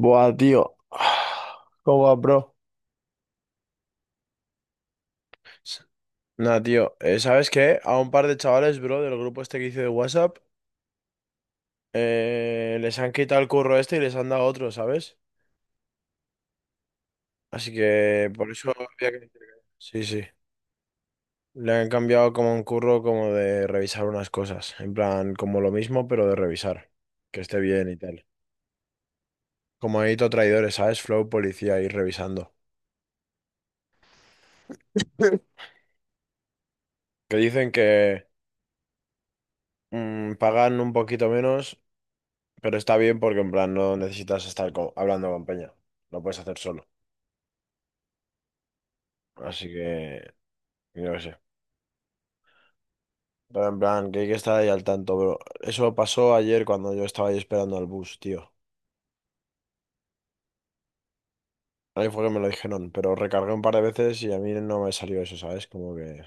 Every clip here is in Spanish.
Buah, tío. ¿Cómo va, bro? S- Nah, tío. ¿Sabes qué? A un par de chavales, bro, del grupo este que hice de WhatsApp, les han quitado el curro este y les han dado otro, ¿sabes? Así que por eso había que... Sí, sí. Le han cambiado como un curro como de revisar unas cosas. En plan, como lo mismo, pero de revisar. Que esté bien y tal. Como edito traidores, ¿sabes? Flow policía ir revisando. Que dicen que pagan un poquito menos. Pero está bien porque en plan no necesitas estar hablando con Peña. Lo puedes hacer solo. Así que, yo qué sé. Pero en plan, que hay que estar ahí al tanto, bro. Eso pasó ayer cuando yo estaba ahí esperando al bus, tío. Ahí fue que me lo dijeron, pero recargué un par de veces y a mí no me salió eso, ¿sabes? Como que...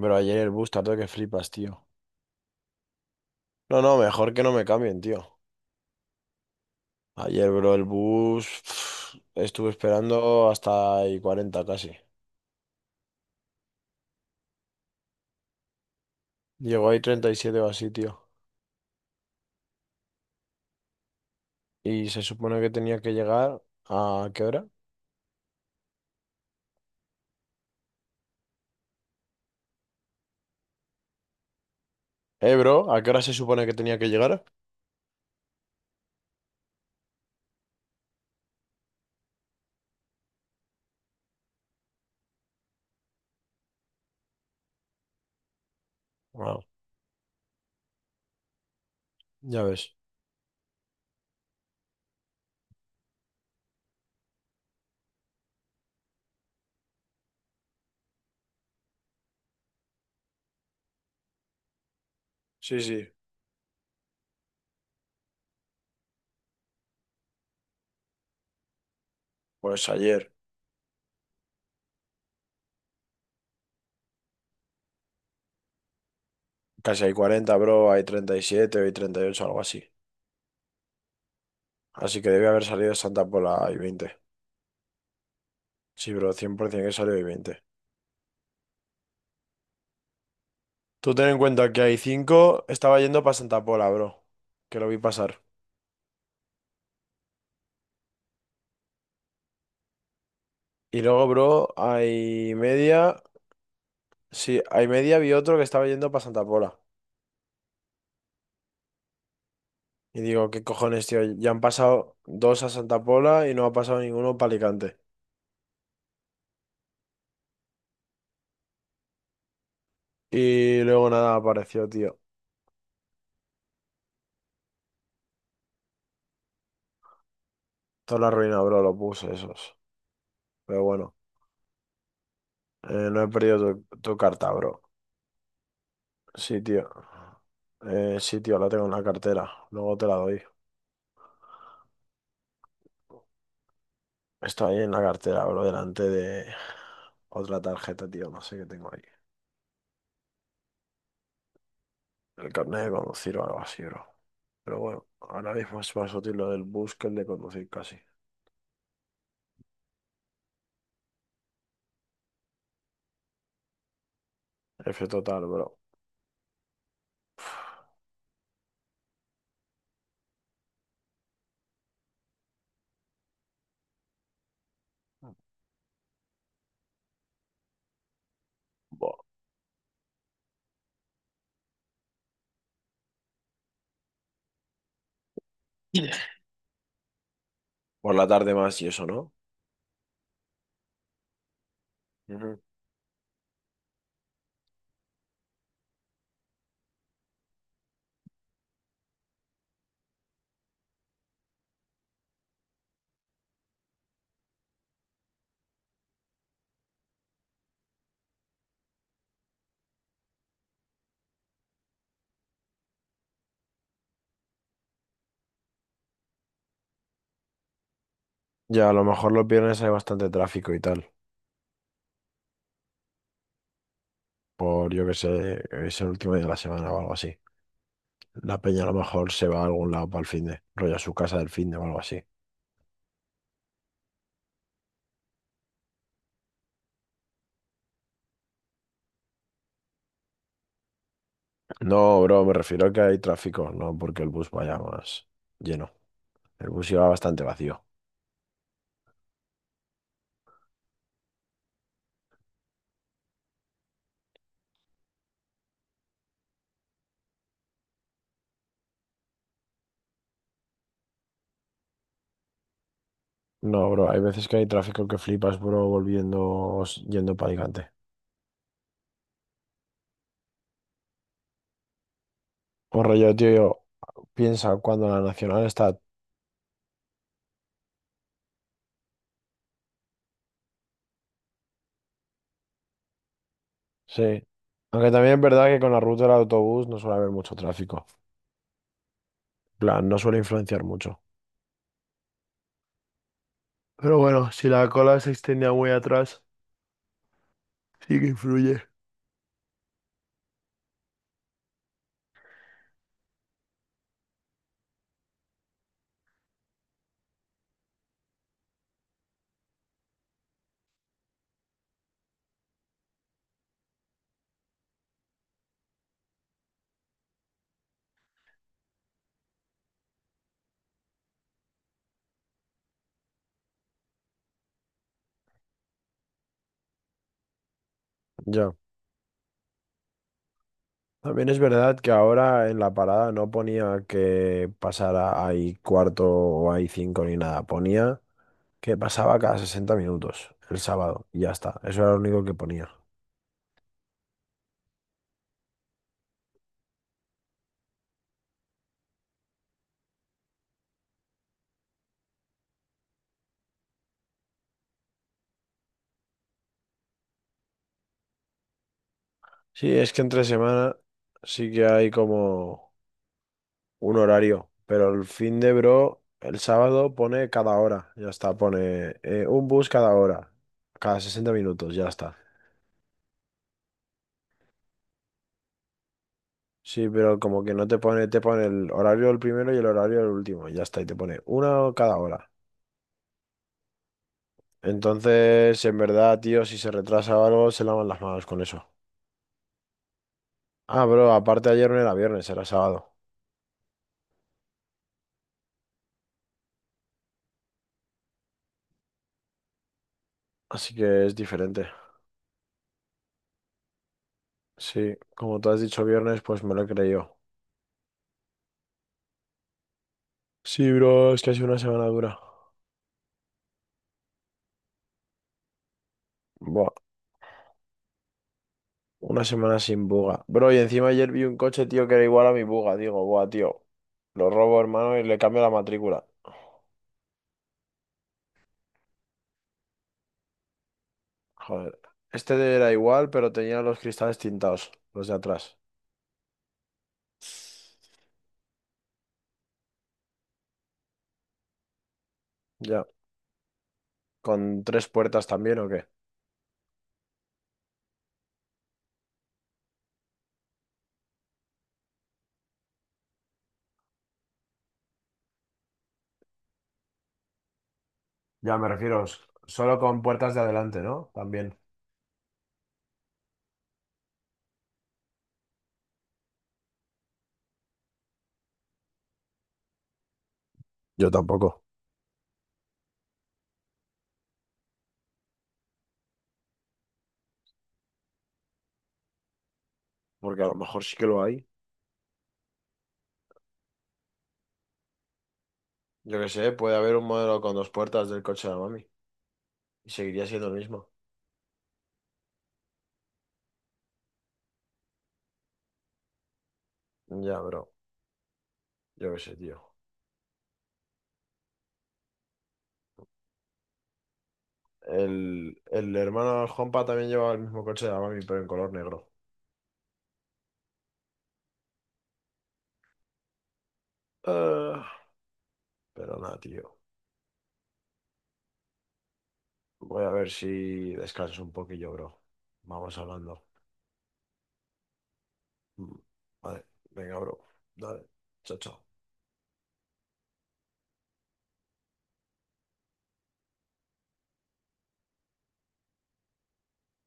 Pero ayer el bus tardó que flipas, tío. No, no, mejor que no me cambien, tío. Ayer, bro, el bus... Estuve esperando hasta ahí 40 casi. Llegó ahí 37 o así, tío. Y se supone que tenía que llegar a ¿qué hora? Bro, ¿a qué hora se supone que tenía que llegar? Wow, ya ves. Sí, sí. Pues ayer. Casi hay 40, bro. Hay 37, hay 38, algo así. Así que debe haber salido Santa Pola y 20. Sí, bro, 100% que salió y 20. Tú ten en cuenta que hay cinco. Estaba yendo para Santa Pola, bro. Que lo vi pasar. Y luego, bro, hay media. Sí, hay media, vi otro que estaba yendo para Santa Pola. Y digo, ¿qué cojones, tío? Ya han pasado dos a Santa Pola y no ha pasado ninguno para Alicante. Y luego nada apareció, tío. Toda la ruina, bro, lo puse esos. Pero bueno, no he perdido tu carta, bro. Sí, tío. Sí, tío, la tengo en la cartera. Luego te la doy. Está ahí en la cartera, bro, delante de otra tarjeta, tío. No sé qué tengo ahí. El carnet de conducir o algo así, bro. Pero bueno, ahora mismo es más útil lo del bus que el de conducir casi. F total, bro. Buah. Por la tarde más y eso, ¿no? Ujú. Ya, a lo mejor los viernes hay bastante tráfico y tal, por yo que sé, es el último día de la semana o algo así. La peña a lo mejor se va a algún lado para el finde, rollo a su casa del finde o algo así. No, bro, me refiero a que hay tráfico, no porque el bus vaya más lleno. El bus iba bastante vacío. No, bro, hay veces que hay tráfico que flipas, bro, volviendo, o yendo para Alicante. O rollo, tío, yo, piensa cuando la nacional está. Sí. Aunque también es verdad que con la ruta del autobús no suele haber mucho tráfico. En plan, no suele influenciar mucho. Pero bueno, si la cola se extendía muy atrás, sí que influye. Ya. También es verdad que ahora en la parada no ponía que pasara ahí cuarto o ahí cinco ni nada. Ponía que pasaba cada 60 minutos el sábado y ya está. Eso era lo único que ponía. Sí, es que entre semana sí que hay como... un horario, pero el fin de, bro, el sábado pone cada hora, ya está, pone un bus cada hora, cada 60 minutos, ya está. Sí, pero como que no te pone, te pone el horario del primero y el horario del último, ya está, y te pone una cada hora. Entonces, en verdad, tío, si se retrasa o algo, se lavan las manos con eso. Ah, bro, aparte ayer no era viernes, era sábado, así que es diferente. Sí, como tú has dicho viernes, pues me lo he creído. Sí, bro, es que ha sido una semana dura. Buah. Una semana sin buga. Bro, y encima ayer vi un coche, tío, que era igual a mi buga. Digo, buah, tío. Lo robo, hermano, y le cambio la matrícula. Joder. Este era igual, pero tenía los cristales tintados, los de atrás. Ya. ¿Con tres puertas también o qué? Ya me refiero, solo con puertas de adelante, ¿no? También. Yo tampoco. Porque a lo mejor sí que lo hay. Yo qué sé, puede haber un modelo con dos puertas del coche de la mami. Y seguiría siendo el mismo. Ya, bro. Yo qué sé, tío. El hermano de Juanpa también llevaba el mismo coche de la mami, pero en color negro. Ah, pero nada, tío. Voy a ver si descanso un poquillo, bro. Vamos hablando. Mm, vale, venga, bro. Dale, chao, chao.